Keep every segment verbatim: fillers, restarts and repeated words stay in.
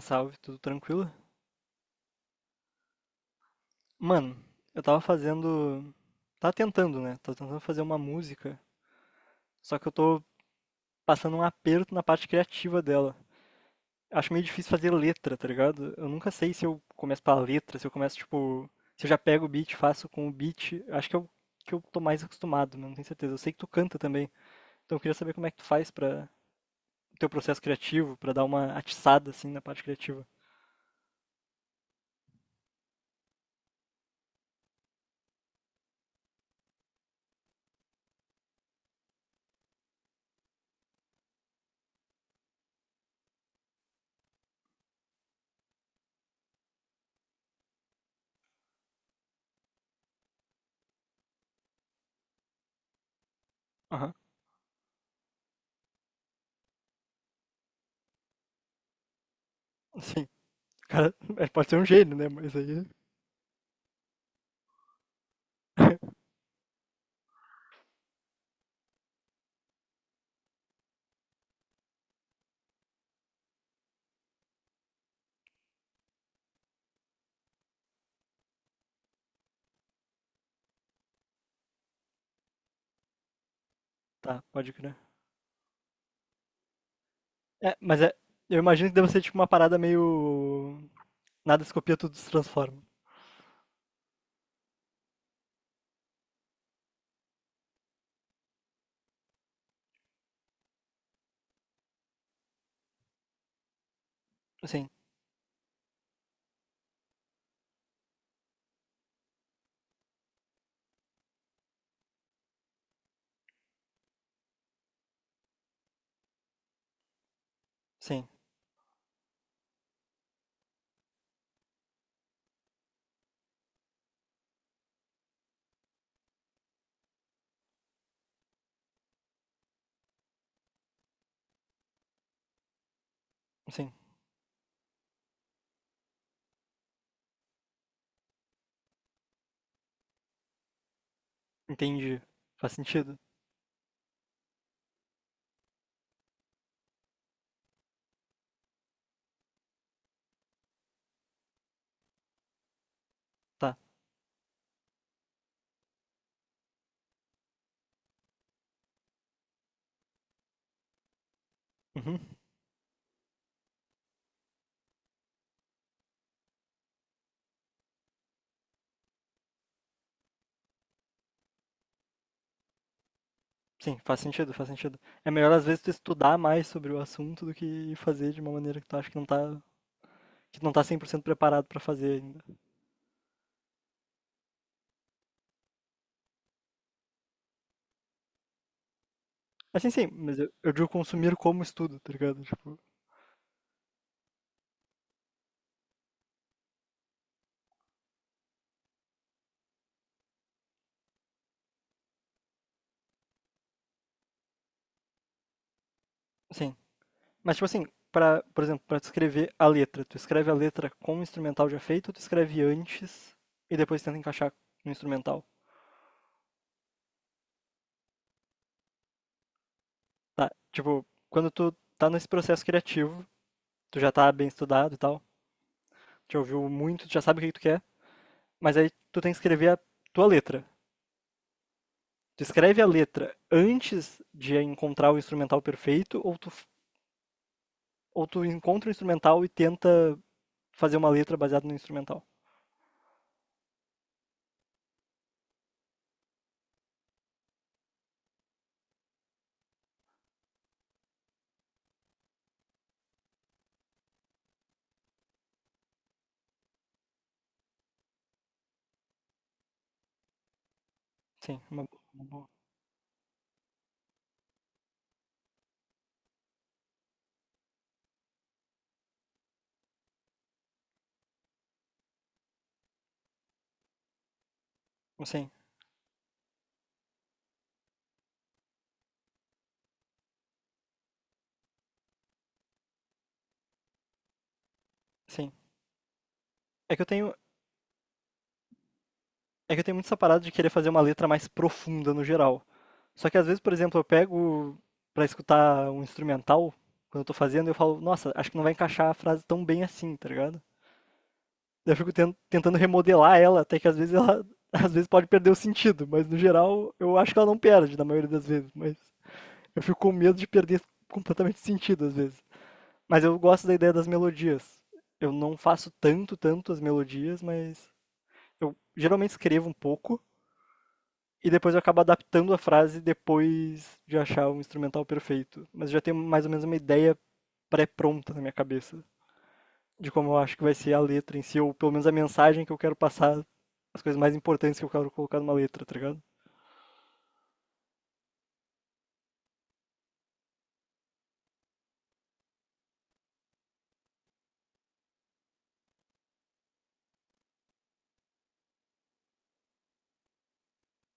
Salve, tudo tranquilo? Mano, eu tava fazendo. Tava tentando, né? Tava tentando fazer uma música. Só que eu tô passando um aperto na parte criativa dela. Acho meio difícil fazer letra, tá ligado? Eu nunca sei se eu começo pela letra, se eu começo, tipo. Se eu já pego o beat, faço com o beat. Acho que eu que eu tô mais acostumado, mas não tenho certeza. Eu sei que tu canta também. Então eu queria saber como é que tu faz pra. O teu processo criativo, pra dar uma atiçada, assim, na parte criativa. Aham, sim. O cara, pode ser um gênio, né? Mas aí. Tá, pode crer. É, mas é, eu imagino que deve ser tipo uma parada meio. Nada se copia, tudo se transforma. Sim, sim, sim. Entendi. Faz sentido. Tá. Uhum. Sim, faz sentido, faz sentido. É melhor às vezes tu estudar mais sobre o assunto do que fazer de uma maneira que tu acha que não tá, que não tá cem por cento preparado pra fazer ainda. Assim, sim, mas eu, eu digo consumir como estudo, tá ligado? Tipo, sim. Mas tipo assim, pra, por exemplo, pra tu escrever a letra, tu escreve a letra com o instrumental já feito ou tu escreve antes e depois tenta encaixar no instrumental? Tá, tipo, quando tu tá nesse processo criativo, tu já tá bem estudado e tal, já ouviu muito, tu já sabe o que que tu quer, mas aí tu tem que escrever a tua letra. Tu escreve a letra antes de encontrar o instrumental perfeito ou tu, ou tu encontra o instrumental e tenta fazer uma letra baseada no instrumental? Sim, uma, bo- uma boa. Sim, sim. É que eu tenho, é que eu tenho muito essa parada de querer fazer uma letra mais profunda no geral. Só que às vezes, por exemplo, eu pego pra escutar um instrumental, quando eu tô fazendo, eu falo, nossa, acho que não vai encaixar a frase tão bem assim, tá ligado? Eu fico ten- tentando remodelar ela, até que às vezes ela às vezes pode perder o sentido, mas no geral eu acho que ela não perde na maioria das vezes, mas eu fico com medo de perder completamente o sentido às vezes. Mas eu gosto da ideia das melodias. Eu não faço tanto, tanto as melodias, mas eu geralmente escrevo um pouco e depois eu acabo adaptando a frase depois de achar um instrumental perfeito. Mas já tenho mais ou menos uma ideia pré-pronta na minha cabeça de como eu acho que vai ser a letra em si, ou pelo menos a mensagem que eu quero passar, as coisas mais importantes que eu quero colocar numa letra, tá ligado?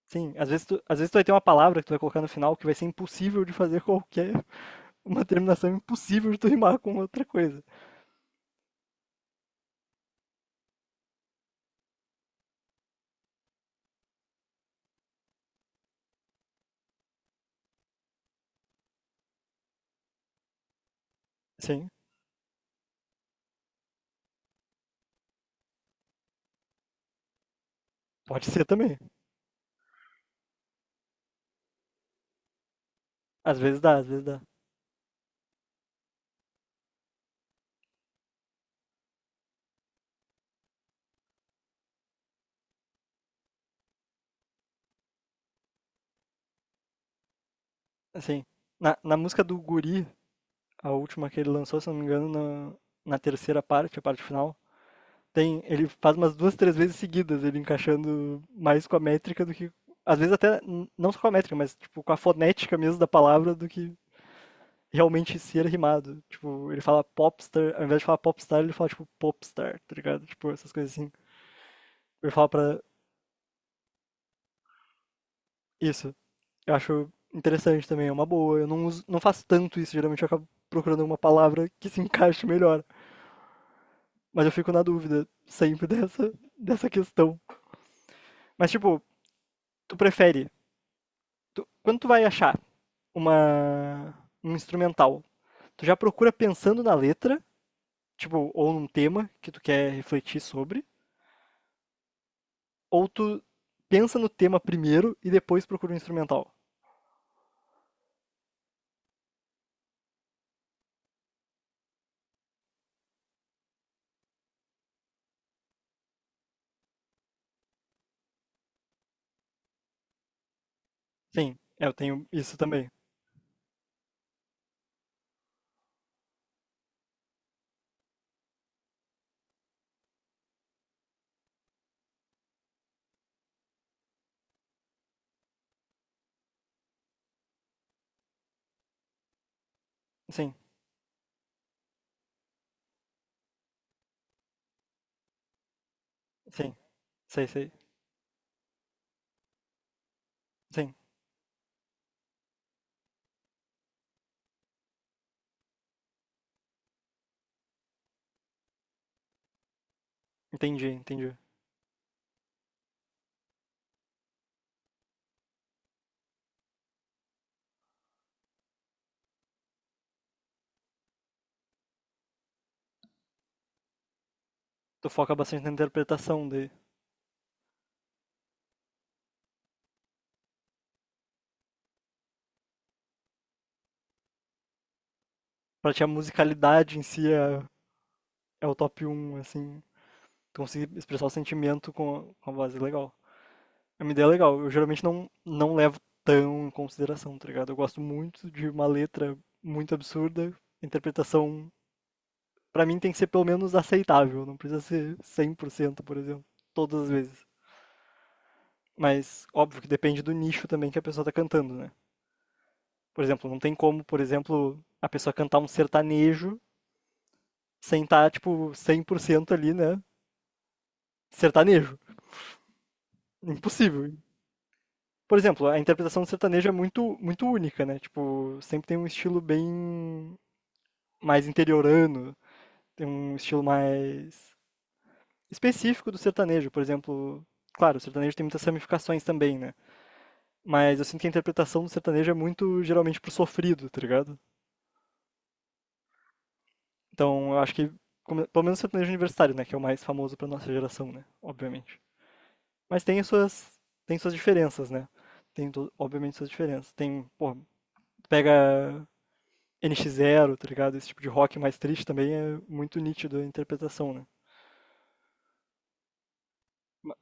Sim, às vezes, tu, às vezes tu vai ter uma palavra que tu vai colocar no final que vai ser impossível de fazer qualquer. Uma terminação impossível de tu rimar com outra coisa. Sim, pode ser também. Às vezes dá, às vezes dá. Assim, na, na música do Guri, a última que ele lançou, se não me engano, na, na terceira parte, a parte final, tem, ele faz umas duas, três vezes seguidas, ele encaixando mais com a métrica do que, às vezes até, n- não só com a métrica, mas tipo, com a fonética mesmo da palavra do que realmente ser rimado. Tipo, ele fala popstar, ao invés de falar popstar, ele fala tipo popstar, tá ligado? Tipo, essas coisas assim. Ele fala pra isso. Eu acho interessante também, é uma boa. Eu não uso, não faço tanto isso, geralmente eu acabo procurando uma palavra que se encaixe melhor. Mas eu fico na dúvida sempre dessa, dessa questão. Mas, tipo, tu prefere. Tu- quando tu vai achar uma, um instrumental, tu já procura pensando na letra, tipo, ou num tema que tu quer refletir sobre, ou tu pensa no tema primeiro e depois procura um instrumental. Sim, eu tenho isso também. Sim, sim, sei, sei. Sim, entendi, entendi. Tu foca bastante na interpretação de. Pra ti a musicalidade em si é, é o top um assim. Tu conseguir expressar o sentimento com a, com a voz é legal. É uma ideia legal. Eu geralmente não, não levo tão em consideração, tá ligado? Eu gosto muito de uma letra muito absurda, a interpretação, pra mim, tem que ser pelo menos aceitável. Não precisa ser cem por cento por exemplo, todas as vezes. Mas, óbvio que depende do nicho também que a pessoa tá cantando, né? Por exemplo, não tem como, por exemplo, a pessoa cantar um sertanejo sem estar, tipo, cem por cento ali, né? Sertanejo. Impossível. Por exemplo, a interpretação do sertanejo é muito, muito única, né? Tipo, sempre tem um estilo bem mais interiorano, tem um estilo mais específico do sertanejo. Por exemplo, claro, o sertanejo tem muitas ramificações também, né? Mas eu sinto que a interpretação do sertanejo é muito, geralmente, pro sofrido, tá ligado? Então, eu acho que, como- pelo menos o sertanejo universitário, né? Que é o mais famoso pra nossa geração, né? Obviamente. Mas tem as suas, tem suas diferenças, né? Tem, to- obviamente, suas diferenças. Tem, pô, pega N X Zero, tá ligado? Esse tipo de rock mais triste também é muito nítido a interpretação, né? Ma-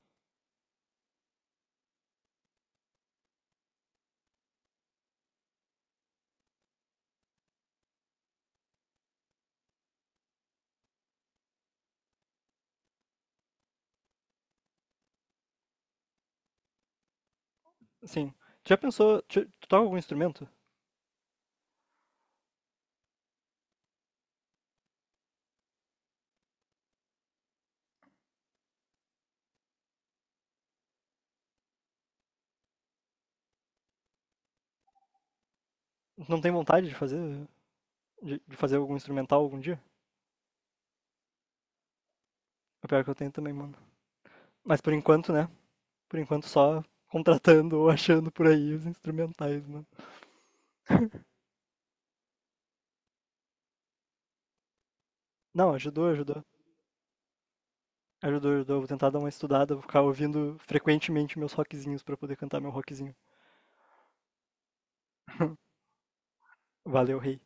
Assim, tu já pensou, tu, tu toca algum instrumento? Não tem vontade de fazer, de, de fazer algum instrumental algum dia? É o pior que eu tenho também, mano. Mas por enquanto, né? Por enquanto só contratando ou achando por aí os instrumentais, mano. Não, ajudou, ajudou. Ajudou, ajudou. Vou tentar dar uma estudada, vou ficar ouvindo frequentemente meus rockzinhos pra poder cantar meu rockzinho. Valeu, rei.